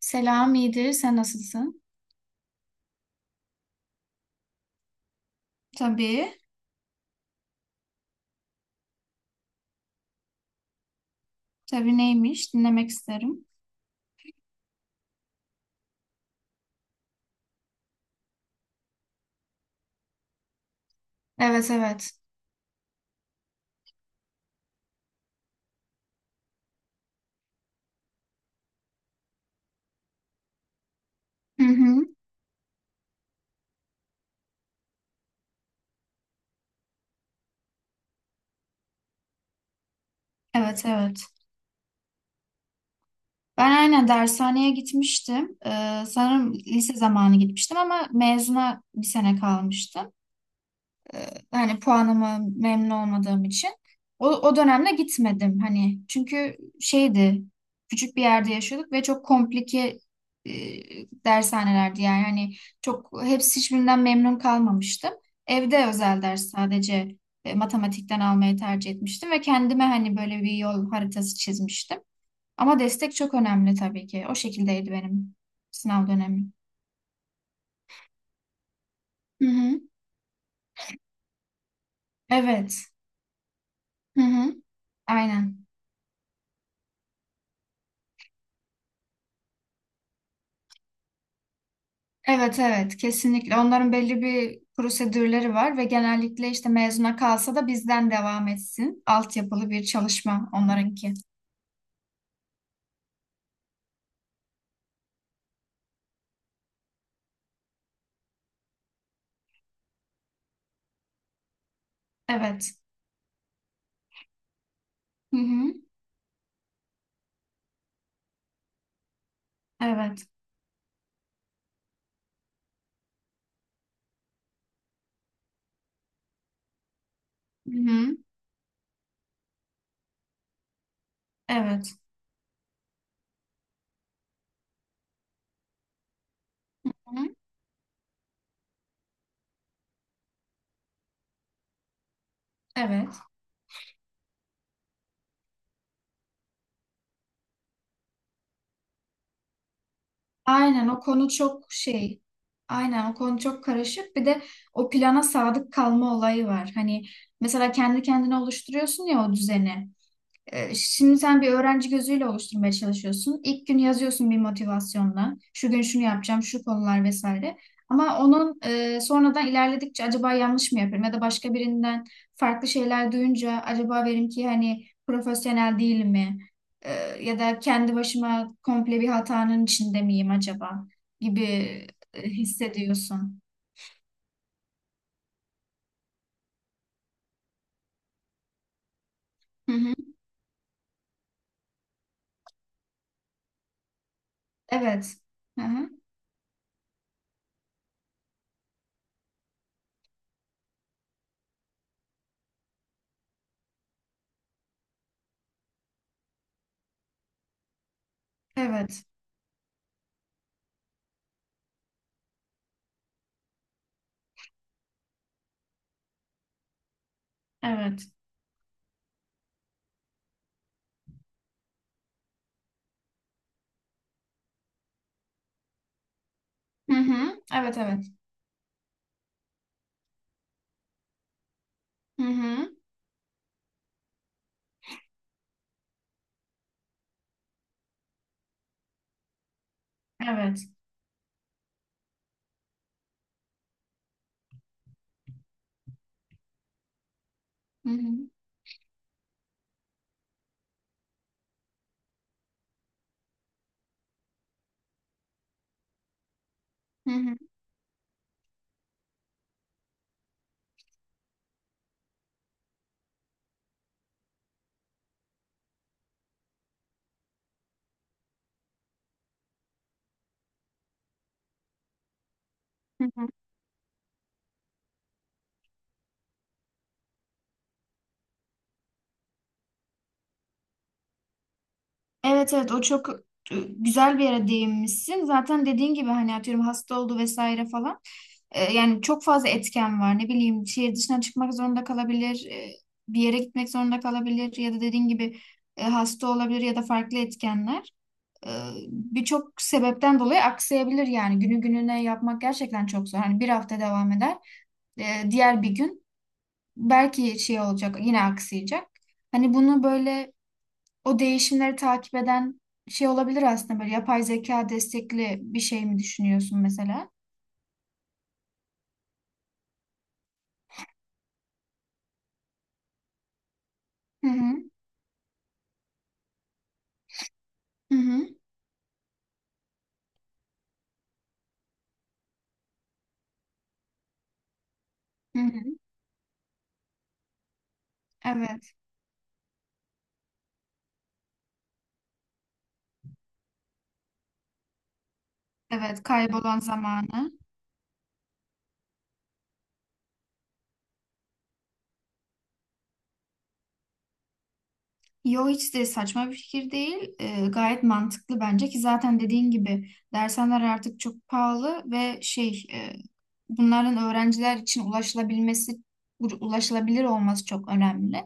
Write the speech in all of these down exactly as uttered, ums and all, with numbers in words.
Selam, iyidir. Sen nasılsın? Tabii. Tabii neymiş? Dinlemek isterim. Evet, evet. Hı hı. Evet, evet. Ben aynen dershaneye gitmiştim. Ee, sanırım lise zamanı gitmiştim ama mezuna bir sene kalmıştı. e, hani puanıma memnun olmadığım için o, o dönemde gitmedim hani çünkü şeydi, küçük bir yerde yaşıyorduk ve çok komplike e, dershanelerdi yani, hani çok hepsi, hiçbirinden memnun kalmamıştım. Evde özel ders sadece e, matematikten almayı tercih etmiştim ve kendime hani böyle bir yol haritası çizmiştim. Ama destek çok önemli tabii ki. O şekildeydi benim sınav dönemim. Hı hı. Evet. Hı hı. Aynen. Evet evet kesinlikle, onların belli bir prosedürleri var ve genellikle işte mezuna kalsa da bizden devam etsin. Altyapılı bir çalışma onlarınki. Evet. Hı hı. Evet. Hı hı. Evet. Hı hı. Evet. Aynen o konu çok şey. Aynen o konu çok karışık. Bir de o plana sadık kalma olayı var. Hani mesela kendi kendine oluşturuyorsun ya o düzeni. Ee, Şimdi sen bir öğrenci gözüyle oluşturmaya çalışıyorsun. İlk gün yazıyorsun bir motivasyonla. Şu gün şunu yapacağım, şu konular vesaire. Ama onun e, sonradan ilerledikçe acaba yanlış mı yapıyorum ya da başka birinden farklı şeyler duyunca acaba benim ki hani profesyonel değil mi? Ee, ya da kendi başıma komple bir hatanın içinde miyim acaba gibi e, hissediyorsun. Hı hı. Evet. Hı hı. Evet. Evet. Hı hı. Evet, evet. Hı hı. Evet. Hı hı. Hı hı, hı hı. Evet evet o çok e, güzel bir yere değinmişsin. Zaten dediğin gibi hani atıyorum hasta oldu vesaire falan. E, yani çok fazla etken var. Ne bileyim şehir dışına çıkmak zorunda kalabilir. e, bir yere gitmek zorunda kalabilir. Ya da dediğin gibi e, hasta olabilir ya da farklı etkenler. E, birçok sebepten dolayı aksayabilir yani. Günü gününe yapmak gerçekten çok zor. Hani bir hafta devam eder. E, diğer bir gün belki şey olacak, yine aksayacak. Hani bunu böyle, o değişimleri takip eden şey olabilir aslında, böyle yapay zeka destekli bir şey mi düşünüyorsun mesela? Hı hı. Hı hı. Hı hı. Evet. Evet, kaybolan zamanı. Yo, hiç de saçma bir fikir değil. Ee, gayet mantıklı bence ki zaten dediğin gibi dershaneler artık çok pahalı ve şey, e, bunların öğrenciler için ulaşılabilmesi, ulaşılabilir olması çok önemli.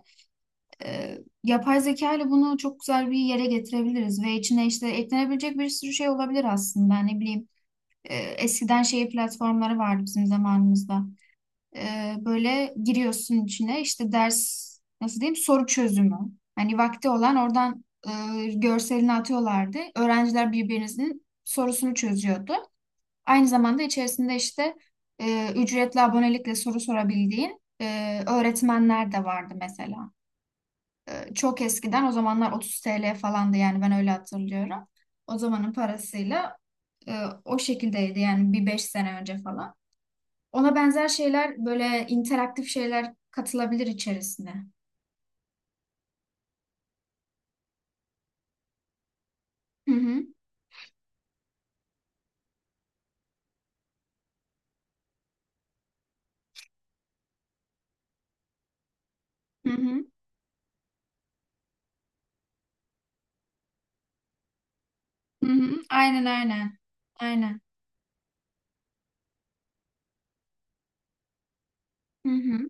e, yapay zeka ile bunu çok güzel bir yere getirebiliriz ve içine işte eklenebilecek bir sürü şey olabilir aslında. Ne bileyim, e, eskiden şey platformları vardı bizim zamanımızda. E, böyle giriyorsun içine, işte ders, nasıl diyeyim, soru çözümü. Hani vakti olan oradan e, görselini atıyorlardı. Öğrenciler birbirinizin sorusunu çözüyordu. Aynı zamanda içerisinde işte e, ücretli abonelikle soru sorabildiğin e, öğretmenler de vardı mesela. E, çok eskiden, o zamanlar otuz T L falandı yani, ben öyle hatırlıyorum. O zamanın parasıyla e, o şekildeydi yani, bir beş sene önce falan. Ona benzer şeyler, böyle interaktif şeyler katılabilir içerisine. Hı hı. Hı hı. Hı hı. Aynen aynen. Aynen. Hı hı.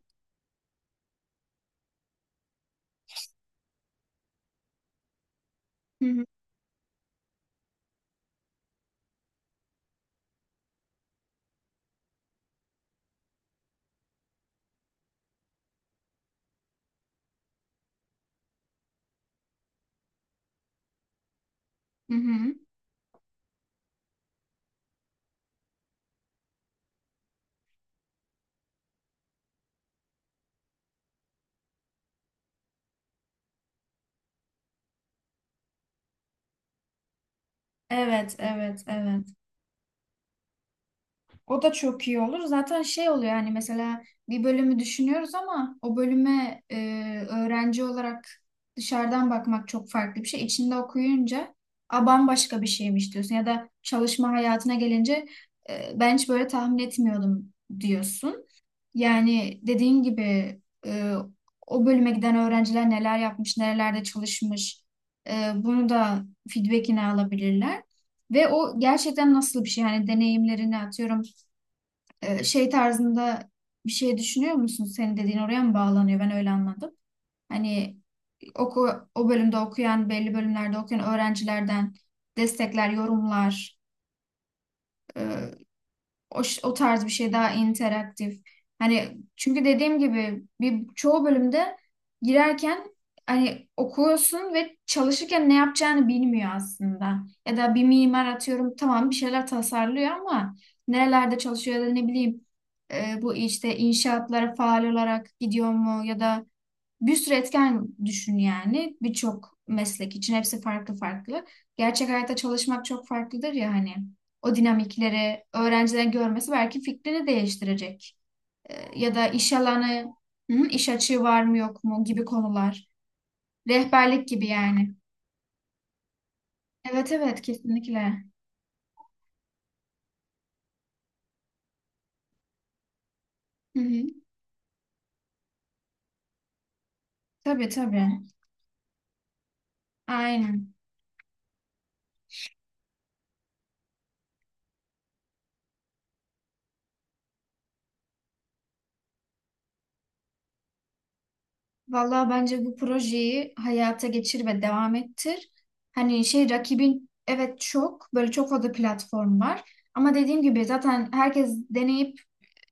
Hı hı. Hı hı. Evet, evet, evet. O da çok iyi olur. Zaten şey oluyor yani, mesela bir bölümü düşünüyoruz ama o bölüme e, öğrenci olarak dışarıdan bakmak çok farklı bir şey. İçinde okuyunca, a, bambaşka bir şeymiş diyorsun, ya da çalışma hayatına gelince e, ben hiç böyle tahmin etmiyordum diyorsun. Yani dediğin gibi e, o bölüme giden öğrenciler neler yapmış, nerelerde çalışmış, e, bunu da feedbackini alabilirler. Ve o gerçekten nasıl bir şey? Yani deneyimlerini atıyorum e, şey tarzında bir şey düşünüyor musun? Senin dediğin oraya mı bağlanıyor? Ben öyle anladım. Hani oku, o bölümde okuyan, belli bölümlerde okuyan öğrencilerden destekler, yorumlar, o, ş- o tarz bir şey, daha interaktif. Hani çünkü dediğim gibi bir çoğu bölümde girerken hani, okuyorsun ve çalışırken ne yapacağını bilmiyor aslında. Ya da bir mimar atıyorum, tamam, bir şeyler tasarlıyor ama nerelerde çalışıyor ya da ne bileyim, e, bu işte inşaatlara faal olarak gidiyor mu, ya da bir sürü etken düşün yani, birçok meslek için hepsi farklı farklı. Gerçek hayatta çalışmak çok farklıdır ya hani, o dinamikleri öğrencilerin görmesi belki fikrini değiştirecek. Ee, ya da iş alanı, hı, iş açığı var mı yok mu gibi konular. Rehberlik gibi yani. Evet evet kesinlikle. Hı hı. Tabii tabii. Aynen. Vallahi bence bu projeyi hayata geçir ve devam ettir. Hani şey, rakibin evet, çok böyle çok fazla platform var. Ama dediğim gibi zaten herkes deneyip,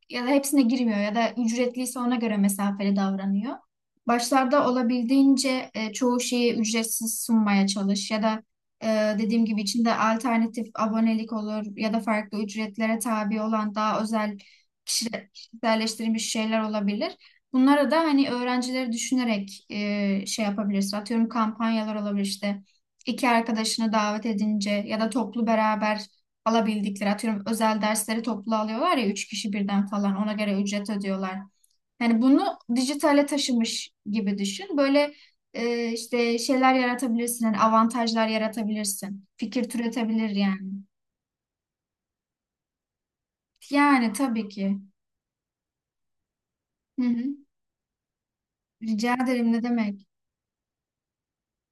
ya da hepsine girmiyor ya da ücretliyse ona göre mesafeli davranıyor. Başlarda olabildiğince e, çoğu şeyi ücretsiz sunmaya çalış, ya da e, dediğim gibi içinde alternatif abonelik olur ya da farklı ücretlere tabi olan daha özel kişi- kişiselleştirilmiş şeyler olabilir. Bunlara da hani öğrencileri düşünerek e, şey yapabilirsin. Atıyorum kampanyalar olabilir işte. İki arkadaşını davet edince ya da toplu beraber alabildikleri, atıyorum özel dersleri toplu alıyorlar ya, üç kişi birden falan, ona göre ücret ödüyorlar. Hani bunu dijitale taşımış gibi düşün. Böyle e, işte şeyler yaratabilirsin, hani avantajlar yaratabilirsin. Fikir türetebilir yani. Yani tabii ki. Hı hı. Rica ederim, ne demek.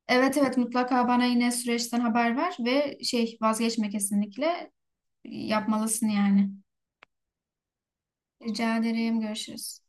Evet evet, mutlaka bana yine süreçten haber ver ve şey, vazgeçme kesinlikle, yapmalısın yani. Rica ederim, görüşürüz.